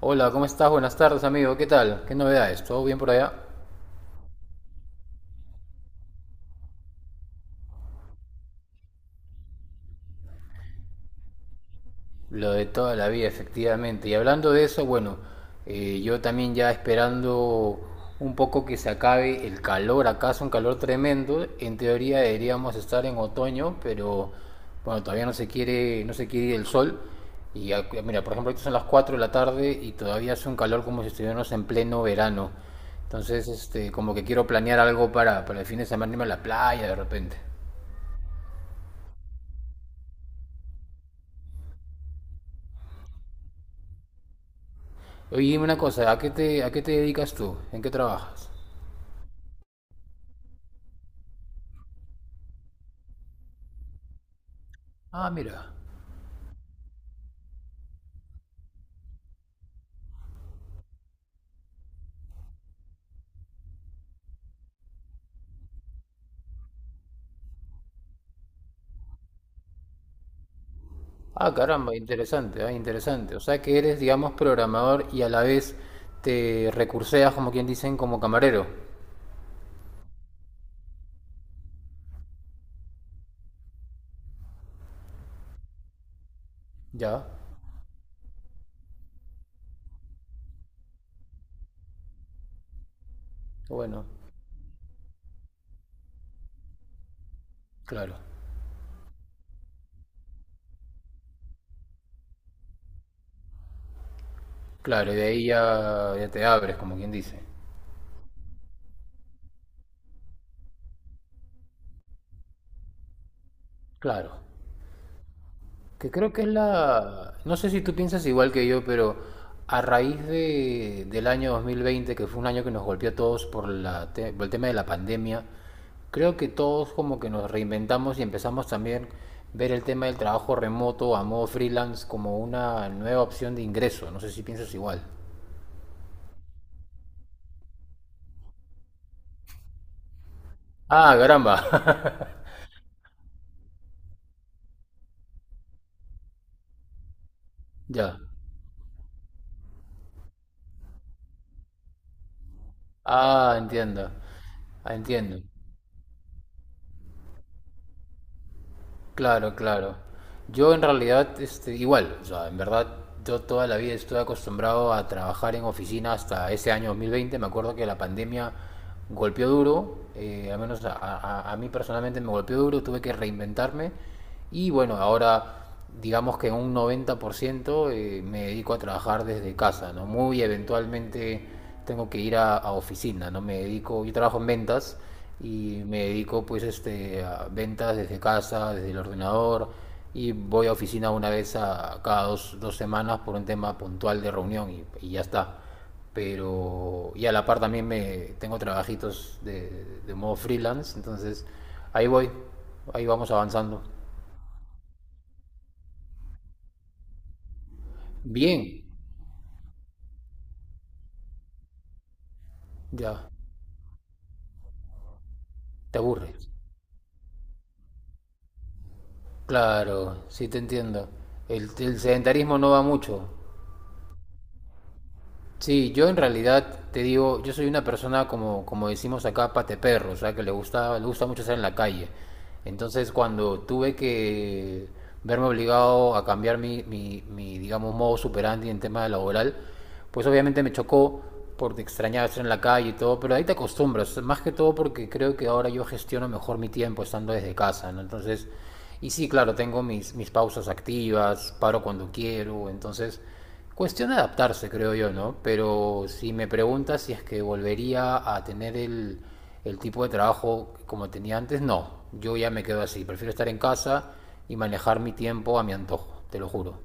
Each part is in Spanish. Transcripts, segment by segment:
Hola, ¿cómo estás? Buenas tardes, amigo. ¿Qué tal? ¿Qué novedades? ¿Todo bien por allá? Lo de toda la vida, efectivamente. Y hablando de eso, bueno, yo también ya esperando un poco que se acabe el calor. Acá es un calor tremendo. En teoría deberíamos estar en otoño, pero bueno, todavía no se quiere ir el sol. Mira, por ejemplo, ahorita son las 4 de la tarde y todavía hace un calor como si estuviéramos en pleno verano. Entonces, este, como que quiero planear algo para el fin de semana irme a la playa de repente. Oye, dime una cosa, ¿a qué te dedicas tú? ¿En qué trabajas? Ah, mira. Ah, caramba, interesante, ah, interesante. O sea que eres, digamos, programador y a la vez te recurseas, como quien dicen, como camarero. Ya, bueno, claro. Claro, y de ahí ya, ya te abres, como quien dice. Claro. Que creo que es la... No sé si tú piensas igual que yo, pero a raíz del año 2020, que fue un año que nos golpeó a todos por el tema de la pandemia, creo que todos como que nos reinventamos y empezamos también ver el tema del trabajo remoto a modo freelance como una nueva opción de ingreso. No sé si piensas igual. Ah, caramba. Ya. Ah, entiendo. Ah, entiendo. Claro, claro. Yo en realidad, este, igual, o sea, en verdad, yo toda la vida estoy acostumbrado a trabajar en oficina hasta ese año 2020. Me acuerdo que la pandemia golpeó duro, al menos a mí personalmente me golpeó duro, tuve que reinventarme. Y bueno, ahora digamos que en un 90% me dedico a trabajar desde casa, ¿no? Muy eventualmente tengo que ir a oficina, ¿no? Me dedico, yo trabajo en ventas y me dedico pues este, a ventas desde casa, desde el ordenador y voy a oficina una vez a cada 2 semanas por un tema puntual de reunión y ya está. Pero y a la par también me tengo trabajitos de modo freelance, entonces ahí voy, ahí vamos avanzando. Bien, ya, te aburres. Claro, sí te entiendo. El sedentarismo no va mucho. Sí, yo en realidad te digo, yo soy una persona como, como decimos acá, pateperro, o sea, que le gusta mucho estar en la calle. Entonces, cuando tuve que verme obligado a cambiar mi, digamos, modo superandi en tema laboral, pues obviamente me chocó porque extrañaba estar en la calle y todo, pero ahí te acostumbras, más que todo porque creo que ahora yo gestiono mejor mi tiempo estando desde casa, ¿no? Entonces, y sí, claro, tengo mis pausas activas, paro cuando quiero, entonces cuestión de adaptarse, creo yo, ¿no? Pero si me preguntas si es que volvería a tener el tipo de trabajo como tenía antes, no. Yo ya me quedo así. Prefiero estar en casa y manejar mi tiempo a mi antojo, te lo juro.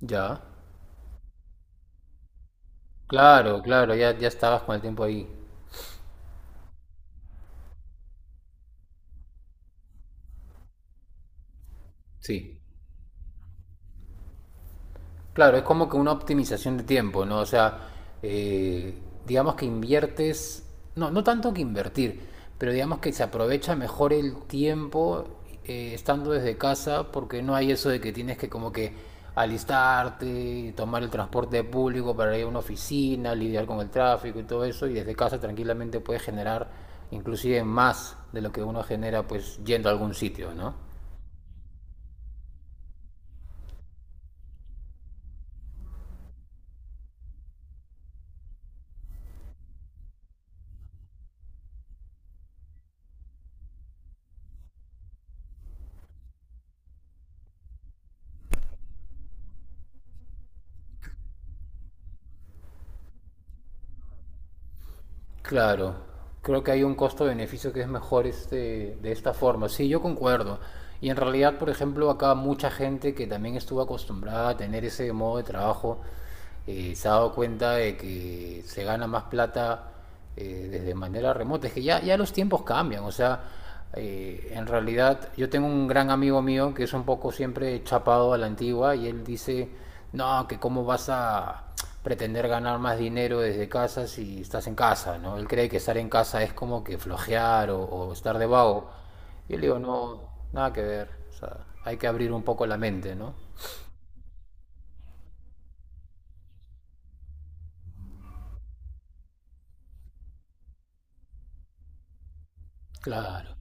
Ya. Claro, claro, ya, ya estabas con el tiempo ahí. Sí. Claro, es como que una optimización de tiempo, ¿no? O sea, eh, digamos que inviertes, no, no tanto que invertir, pero digamos que se aprovecha mejor el tiempo estando desde casa porque no hay eso de que tienes que como que alistarte, tomar el transporte público para ir a una oficina, lidiar con el tráfico y todo eso, y desde casa tranquilamente puedes generar inclusive más de lo que uno genera pues yendo a algún sitio, ¿no? Claro, creo que hay un costo-beneficio que es mejor este, de esta forma. Sí, yo concuerdo. Y en realidad, por ejemplo, acá mucha gente que también estuvo acostumbrada a tener ese modo de trabajo, se ha dado cuenta de que se gana más plata desde manera remota. Es que ya, ya los tiempos cambian, o sea, en realidad yo tengo un gran amigo mío que es un poco siempre chapado a la antigua y él dice, no, que cómo vas a, pretender ganar más dinero desde casa si estás en casa, ¿no? Él cree que estar en casa es como que flojear o estar de vago. Yo le digo, no, nada que ver. O sea, hay que abrir un poco la mente, ¿no? Claro.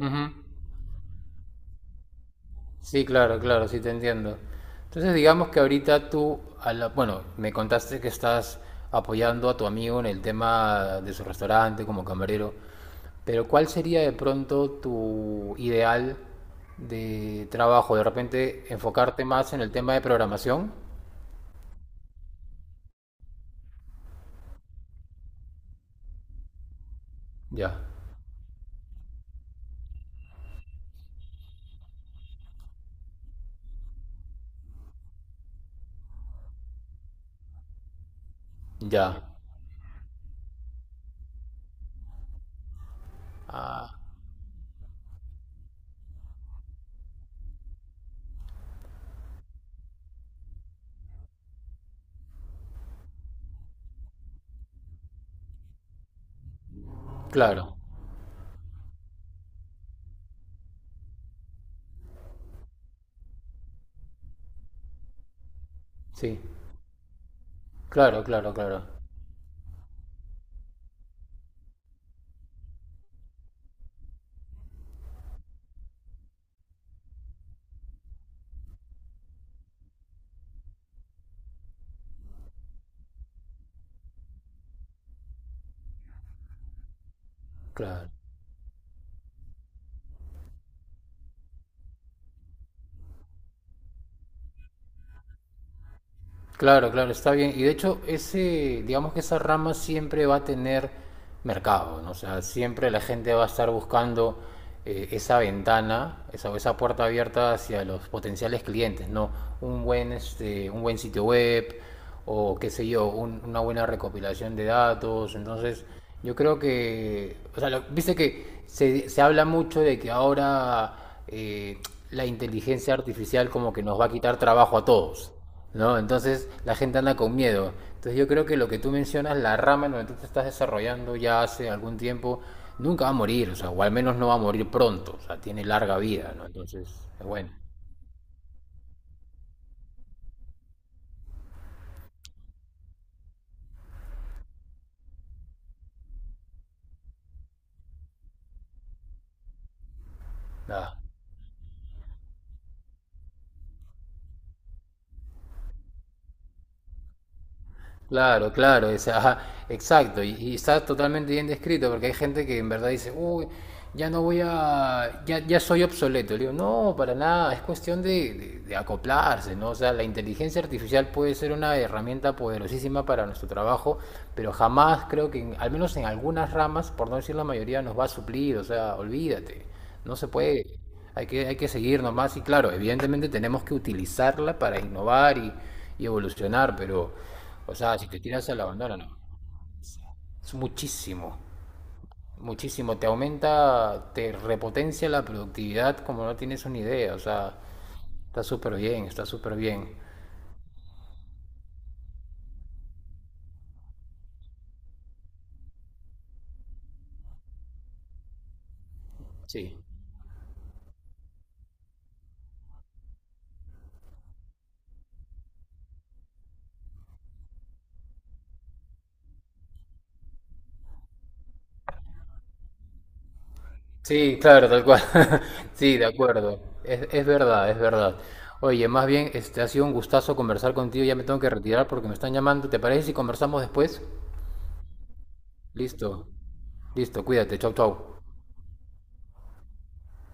Ujú. Sí, claro, claro, sí te entiendo. Entonces, digamos que ahorita tú, bueno, me contaste que estás apoyando a tu amigo en el tema de su restaurante como camarero. Pero ¿cuál sería de pronto tu ideal de trabajo? De repente enfocarte más en el tema de programación. Ya, ya. Ah, claro, sí. Claro, claro, claro. Claro. Claro, claro, está bien. Y de hecho, ese, digamos que esa rama siempre va a tener mercado, ¿no? O sea, siempre la gente va a estar buscando esa ventana, esa puerta abierta hacia los potenciales clientes, ¿no? Un buen, este, un buen sitio web, o qué sé yo, una buena recopilación de datos. Entonces, yo creo que, o sea, lo- viste que se habla mucho de que ahora eh, la inteligencia artificial como que nos va a quitar trabajo a todos, ¿no? Entonces, la gente anda con miedo. Entonces, yo creo que lo que tú mencionas, la rama en donde tú te estás desarrollando ya hace algún tiempo, nunca va a morir, o sea, o al menos no va a morir pronto, o sea, tiene larga vida, ¿no? Entonces, bueno, nada. Claro, claro, es- ajá, exacto, y está totalmente bien descrito porque hay gente que en verdad dice, uy, ya no voy a, ya, ya soy obsoleto. Le digo, no, para nada, es cuestión de acoplarse, ¿no? O sea, la inteligencia artificial puede ser una herramienta poderosísima para nuestro trabajo, pero jamás creo que, en- al menos en algunas ramas, por no decir la mayoría, nos va a suplir, o sea, olvídate. No se puede, hay que seguir nomás y claro, evidentemente tenemos que utilizarla para innovar y evolucionar, pero, o sea, si te tiras a la bandera, no, es muchísimo, muchísimo, te aumenta, te repotencia la productividad como no tienes una idea, o sea, está súper bien, sí. Sí, claro, tal cual. Sí, de acuerdo. Es verdad, es verdad. Oye, más bien, este ha sido un gustazo conversar contigo. Ya me tengo que retirar porque me están llamando. ¿Te parece si conversamos después? Listo, listo, cuídate, chau, chau.